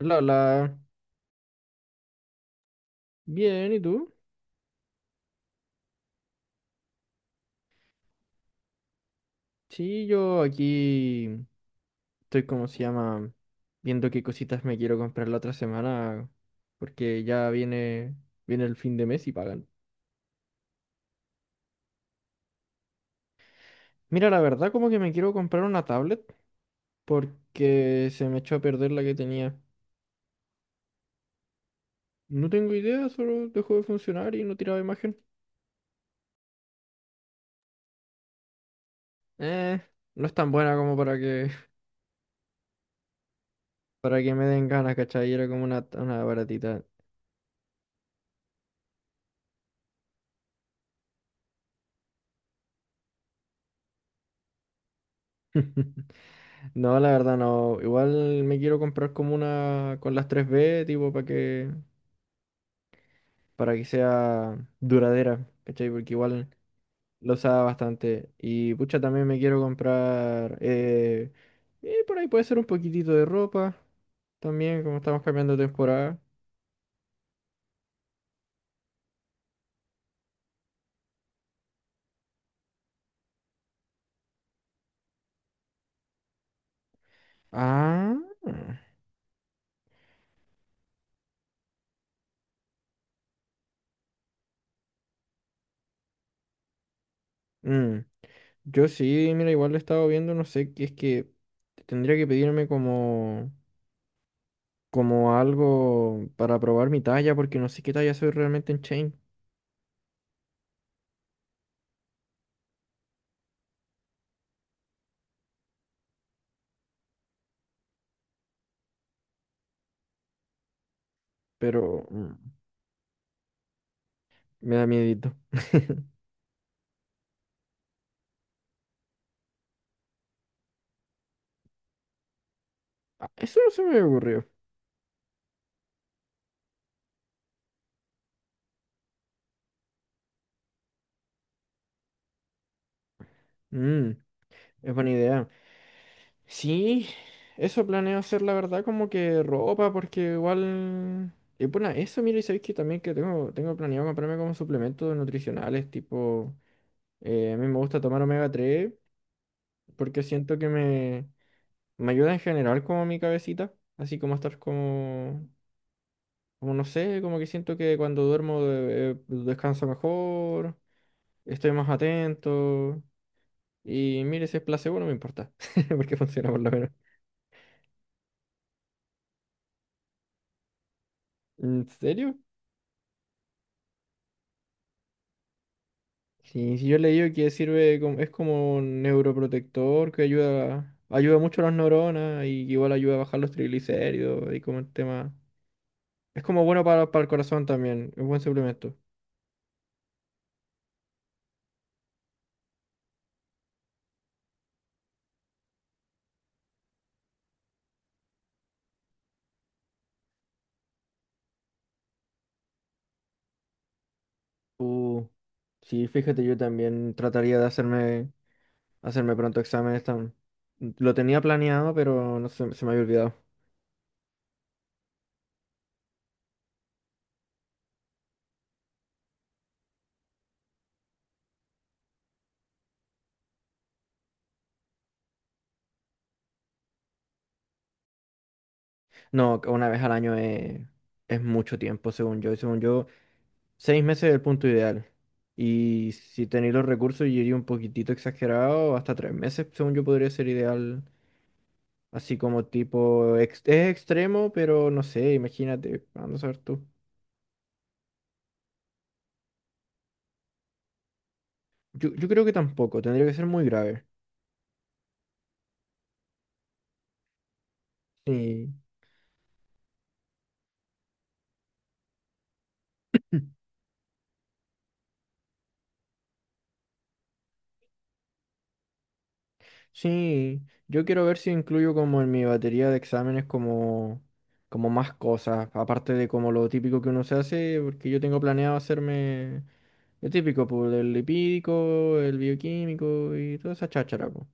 La, la. Bien, ¿y tú? Sí, yo aquí estoy, como se llama? Viendo qué cositas me quiero comprar la otra semana, porque ya viene el fin de mes y pagan. Mira, la verdad, como que me quiero comprar una tablet, porque se me echó a perder la que tenía. No tengo idea, solo dejó de funcionar y no tiraba imagen. Eh, no es tan buena como para que, para que me den ganas, ¿cachai? Era como una baratita. No, la verdad no. Igual me quiero comprar como una con las tres b tipo, para que sea duradera, ¿cachai? Porque igual lo usaba bastante. Y pucha, también me quiero comprar, por ahí puede ser un poquitito de ropa, también, como estamos cambiando de temporada. Ah, mm. Yo sí, mira, igual lo he estado viendo, no sé, que es que tendría que pedirme como... como algo para probar mi talla, porque no sé qué talla soy realmente en Chain, pero me da miedito. Ah, eso no se me ocurrió. Mm, es buena idea. Sí, eso planeo hacer, la verdad, como que ropa, porque igual... Y bueno, eso, mira, y sabéis que también que tengo planeado comprarme como suplementos nutricionales, tipo, a mí me gusta tomar omega 3 porque siento que me ayuda en general como mi cabecita, así como estar como. Como no sé, como que siento que cuando duermo descanso mejor, estoy más atento. Y mire, si es placebo no me importa, porque funciona por lo menos. ¿En serio? Sí, sí, yo he leído que sirve, como- es como un neuroprotector que ayuda, ayuda mucho a las neuronas y igual ayuda a bajar los triglicéridos y como el tema. Es como bueno para el corazón también, es buen suplemento. Uh, sí, fíjate, yo también trataría de hacerme. Hacerme pronto exámenes también. Lo tenía planeado, pero no sé, se me había olvidado. No, que una vez al año es mucho tiempo, según yo. Y según yo, 6 meses es el punto ideal. Y si tenéis los recursos, y iría un poquitito exagerado, hasta 3 meses, según yo, podría ser ideal. Así como tipo, ex- es extremo, pero no sé, imagínate, anda a saber tú. Yo creo que tampoco, tendría que ser muy grave. Sí, sí, yo quiero ver si incluyo como en mi batería de exámenes como, como más cosas, aparte de como lo típico que uno se hace, porque yo tengo planeado hacerme lo típico, pues, el lipídico, el bioquímico y toda esa cháchara, pues.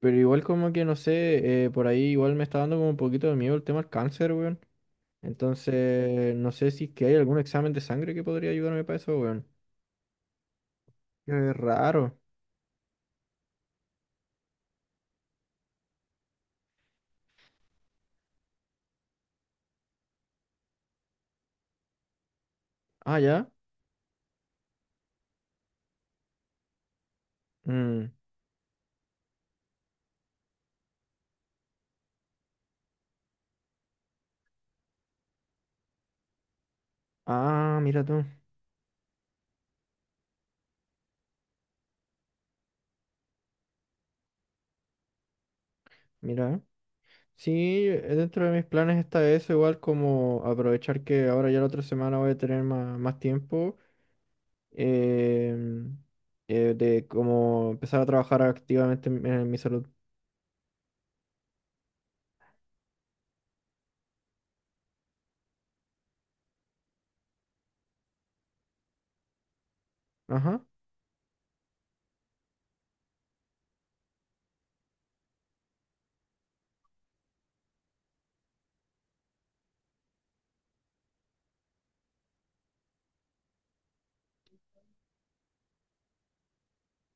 Pero igual como que no sé, por ahí igual me está dando como un poquito de miedo el tema del cáncer, weón. Entonces, no sé si es que hay algún examen de sangre que podría ayudarme para eso, weón. Qué raro. Ah, ya. Mm. Ah, mira tú, mira. Sí, dentro de mis planes está eso, igual como aprovechar que ahora ya la otra semana voy a tener más, más tiempo, em, de como empezar a trabajar activamente en mi salud. Ajá,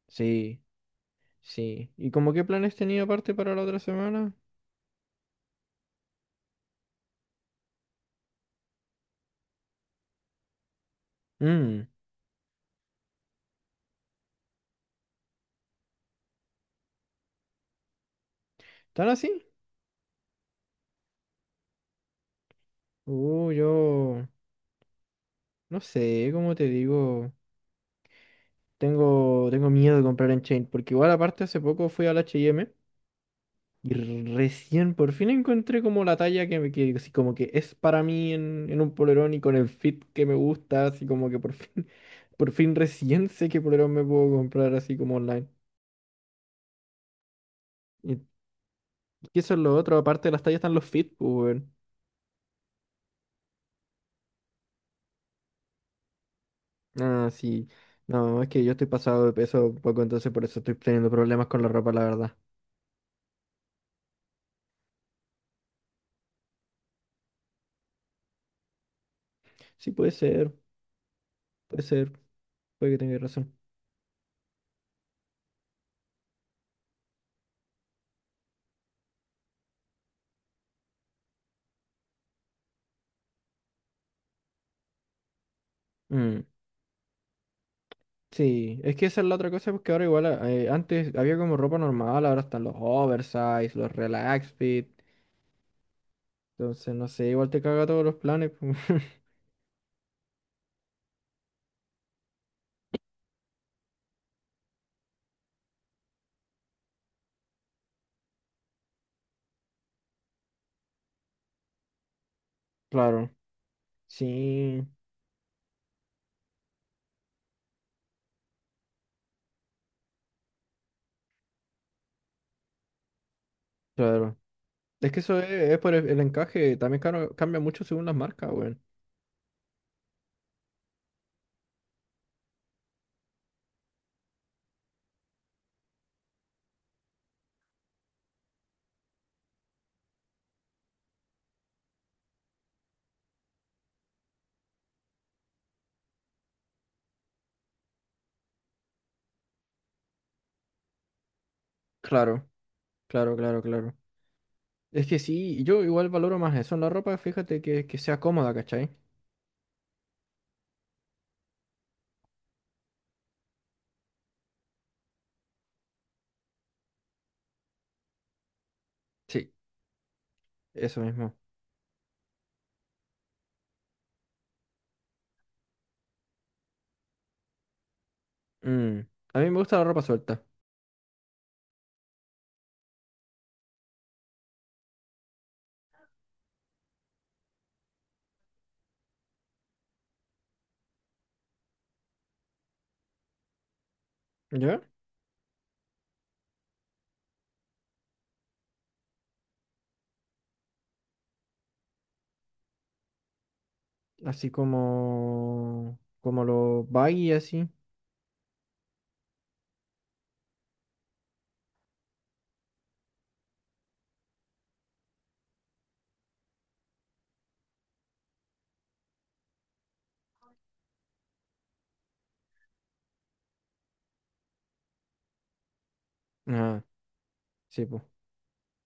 sí, sí. ¿Y como qué planes tenía aparte para la otra semana? Mm. ¿Tan así? Yo no sé, como te digo, tengo miedo de comprar en Chain, porque igual aparte hace poco fui al H&M. Y recién por fin encontré como la talla que, me- que así como que es para mí en un polerón y con el fit que me gusta, así como que por fin, por fin recién sé qué polerón me puedo comprar así como online. Y que eso es lo otro, aparte de las tallas están los fit, pues weón. Ah, sí. No, es que yo estoy pasado de peso un poco, entonces por eso estoy teniendo problemas con la ropa, la verdad. Sí, puede ser, puede que tengas razón. Mm. Sí, es que esa es la otra cosa, porque ahora igual antes había como ropa normal, ahora están los oversize, los relax fit, entonces no sé, igual te caga todos los planes. Claro, sí, claro. Es que eso es por el encaje, también caro- cambia mucho según las marcas, weón. Claro, claro. Es que sí, yo igual valoro más eso en la ropa, fíjate que sea cómoda, ¿cachai? Sí, eso mismo. Mm, a mí me gusta la ropa suelta, ¿ya? Así como, como los baggy, así. Ah, sí, pues.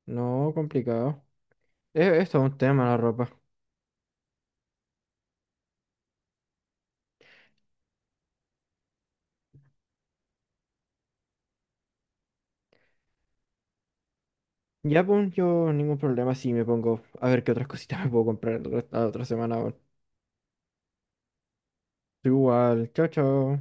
No, complicado. Es todo un tema la ropa. Ya, pues, yo ningún problema si me pongo a ver qué otras cositas me puedo comprar la otra semana. Weón. Tú igual, chao, chao.